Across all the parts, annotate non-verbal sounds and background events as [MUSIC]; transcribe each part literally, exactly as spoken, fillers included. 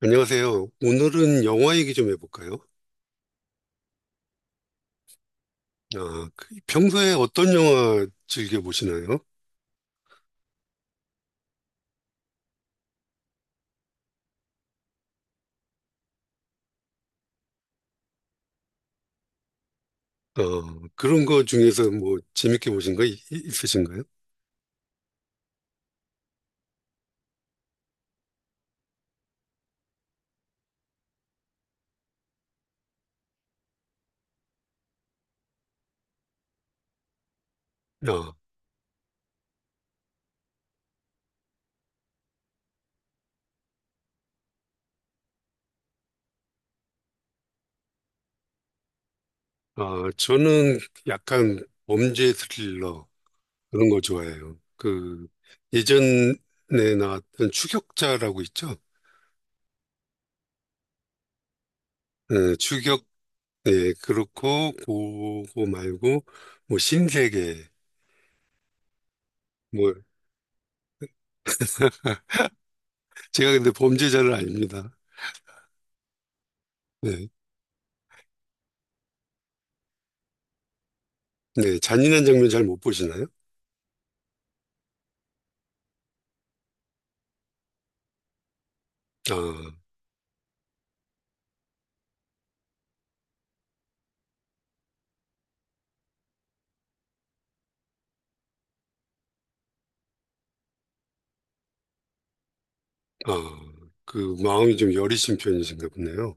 안녕하세요. 오늘은 영화 얘기 좀 해볼까요? 아, 그 평소에 어떤 영화 즐겨 보시나요? 어, 그런 거 중에서 뭐 재밌게 보신 거 있- 있으신가요? 아, 아, 저는 약간 범죄 스릴러 그런 거 좋아해요. 그 예전에 나왔던 추격자라고 있죠? 네, 추격, 네, 그렇고 그거 말고 뭐 신세계 뭐 제가 근데 범죄자를 아닙니다. 네, 네, 잔인한 장면 잘 못 보시나요? 아, 아, 그 마음이 좀 여리신 편이신가 보네요.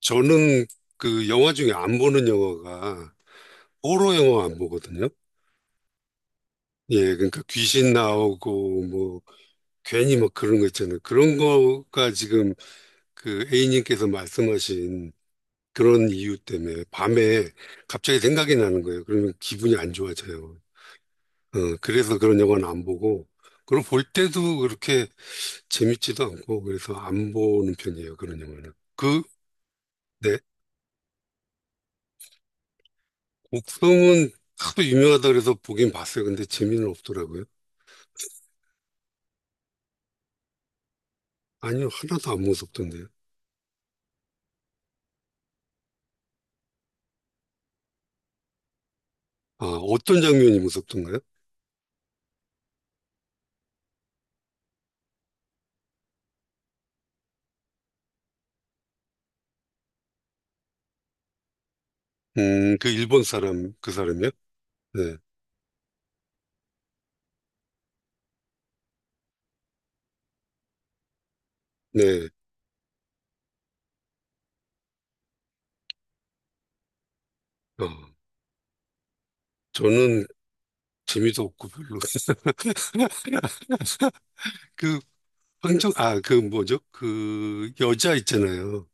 저는 그 영화 중에 안 보는 영화가 호러 영화 안 보거든요. 예, 그러니까 귀신 나오고 뭐 괜히 막 그런 거 있잖아요. 그런 거가 지금 그 A님께서 말씀하신 그런 이유 때문에 밤에 갑자기 생각이 나는 거예요. 그러면 기분이 안 좋아져요. 어, 그래서 그런 영화는 안 보고 그리고 볼 때도 그렇게 재밌지도 않고 그래서 안 보는 편이에요. 그런 영화는. 그 네. 목성은 하도 유명하다 그래서 보긴 봤어요. 근데 재미는 없더라고요. 아니요, 하나도 안 무섭던데요. 아, 어떤 장면이 무섭던가요? 음, 그 일본 사람, 그 사람이요? 네, 네. 어, 저는 재미도 없고 별로. [LAUGHS] 그 황정, 아, 그 뭐죠? 그 여자 있잖아요.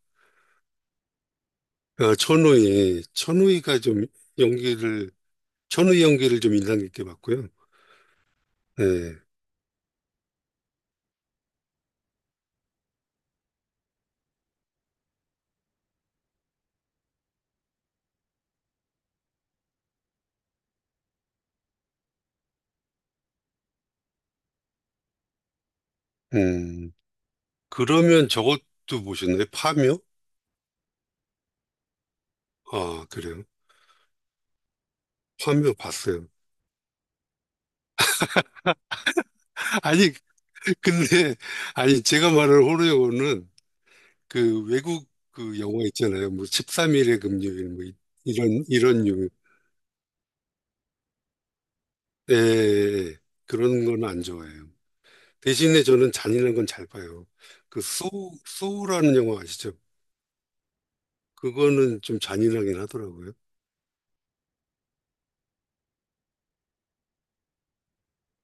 아, 천우희. 천우희가 좀 연기를, 천우희 연기를 좀 인상 깊게 봤고요. 네. 음, 그러면 저것도 보셨나요? 파묘? 아, 그래요. 화면 봤어요. 아니, 근데, 아니, 제가 말하는 호러요는 그 외국 그 영화 있잖아요. 뭐 십삼 일의 금요일, 뭐 이- 이런, 이런 유. 예, 예, 예. 그런 건 안 좋아해요. 대신에 저는 잔인한 건 잘 봐요. 그 소우, 소우라는 영화 아시죠? 그거는 좀 잔인하긴 하더라고요.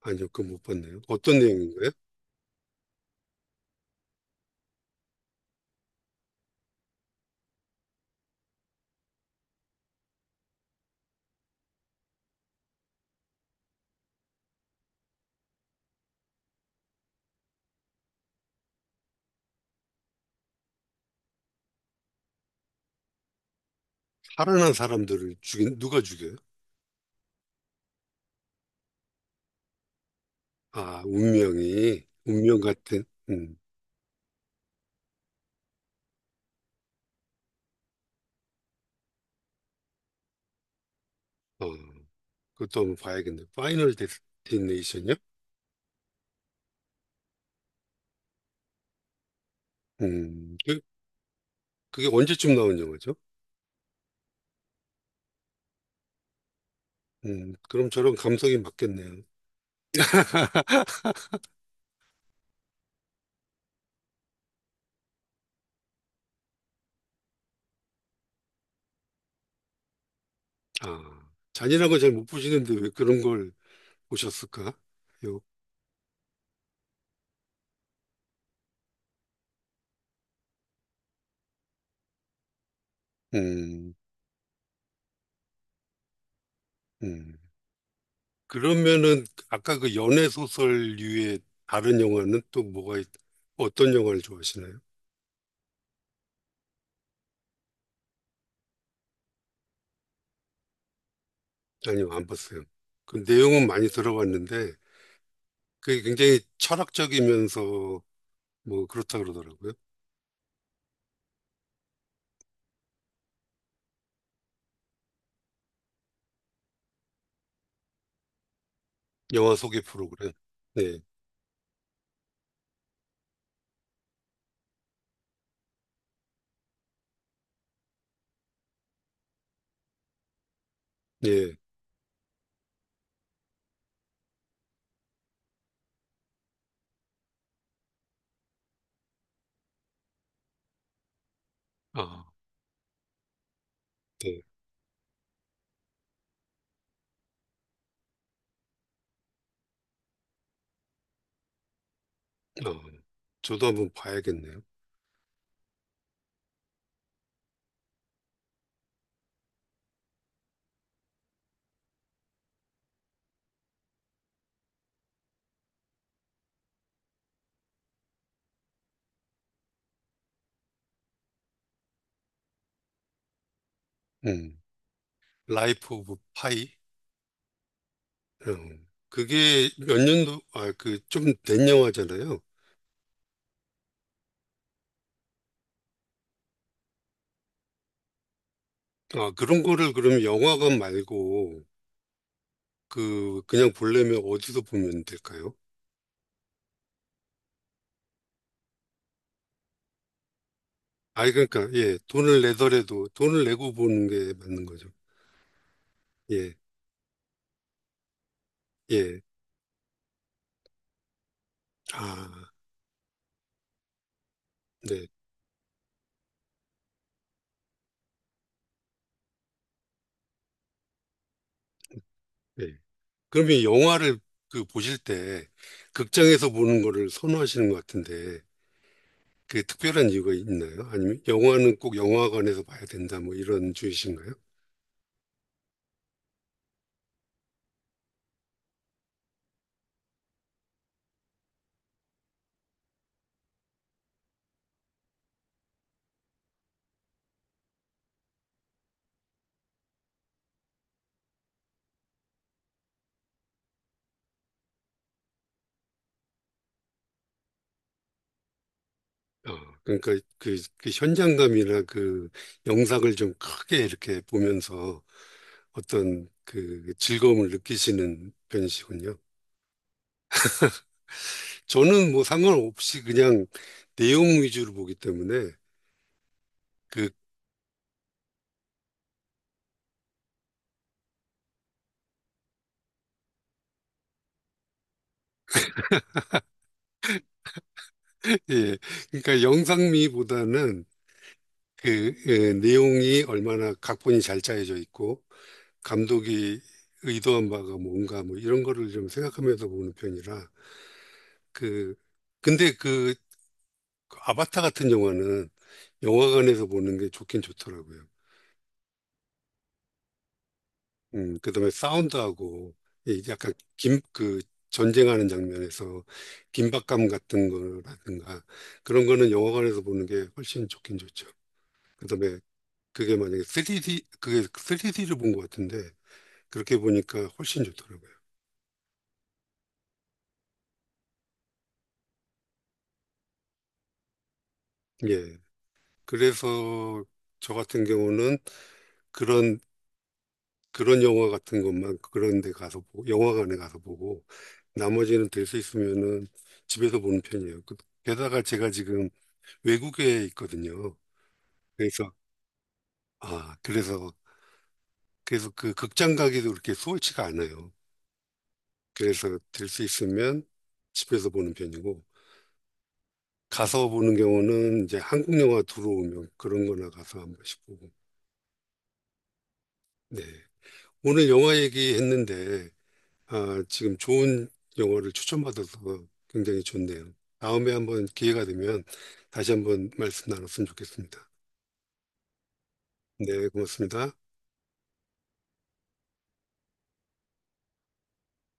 아니요, 그거 못 봤네요. 어떤 내용인가요? 살아난 사람들을 죽인, 누가 죽여요? 아, 운명이, 운명 같은, 음, 어. 그것도 한번 봐야겠네. 파이널 데스티네이션이요? 음, 그, 그게 언제쯤 나온 영화죠? 음, 그럼 저랑 감성이 맞겠네요. [LAUGHS] 아, 잔인한 거 잘 못 보시는데 왜 그런 걸 보셨을까? 요, 음, 음. 그러면은 아까 그 연애 소설류의 다른 영화는 또 뭐가 있, 어떤 영화를 좋아하시나요? 아니요, 안 봤어요. 그 내용은 많이 들어봤는데 그게 굉장히 철학적이면서 뭐 그렇다 그러더라고요. 영화 소개 프로그램. 네. 예, 아, 네. 어, 저도 한번 봐야겠네요. 음, 라이프 오브 파이. 어, 그게 몇 년도, 아, 그 좀 된 영화잖아요. 아, 그런 거를 그럼 영화관 말고 그 그냥 보려면 어디서 보면 될까요? 아, 그러니까 예, 돈을 내더라도 돈을 내고 보는 게 맞는 거죠. 예, 예. 아, 네, 예. 그러면 영화를 그 보실 때 극장에서 보는 거를 선호하시는 것 같은데 그 특별한 이유가 있나요? 아니면 영화는 꼭 영화관에서 봐야 된다 뭐 이런 주의신가요? 어, 그러니까 그, 그 현장감이나 그 영상을 좀 크게 이렇게 보면서 어떤 그 즐거움을 느끼시는 편이시군요. 저는 뭐 상관없이 그냥 내용 위주로 보기 때문에 그, [LAUGHS] 예, 그러니까 영상미보다는 그 예, 내용이 얼마나 각본이 잘 짜여져 있고 감독이 의도한 바가 뭔가 뭐 이런 거를 좀 생각하면서 보는 편이라 그 근데 그 아바타 같은 영화는 영화관에서 보는 게 좋긴 좋더라고요. 음, 그다음에 사운드하고 이 약간 김 그 전쟁하는 장면에서 긴박감 같은 거라든가 그런 거는 영화관에서 보는 게 훨씬 좋긴 좋죠. 그다음에 그게 만약에 쓰리디 그게 쓰리디를 본 것 같은데 그렇게 보니까 훨씬 좋더라고요. 예. 그래서 저 같은 경우는 그런 그런 영화 같은 것만 그런 데 가서 보고 영화관에 가서 보고 나머지는 될 수 있으면은 집에서 보는 편이에요. 그- 게다가 제가 지금 외국에 있거든요. 그래서 아 그래서 그래서 그 극장 가기도 그렇게 수월치가 않아요. 그래서 될 수 있으면 집에서 보는 편이고 가서 보는 경우는 이제 한국 영화 들어오면 그런 거나 가서 한 번씩 보고 네. 오늘 영화 얘기했는데 아, 지금 좋은 영화를 추천받아서 굉장히 좋네요. 다음에 한번 기회가 되면 다시 한번 말씀 나눴으면 좋겠습니다. 네, 고맙습니다.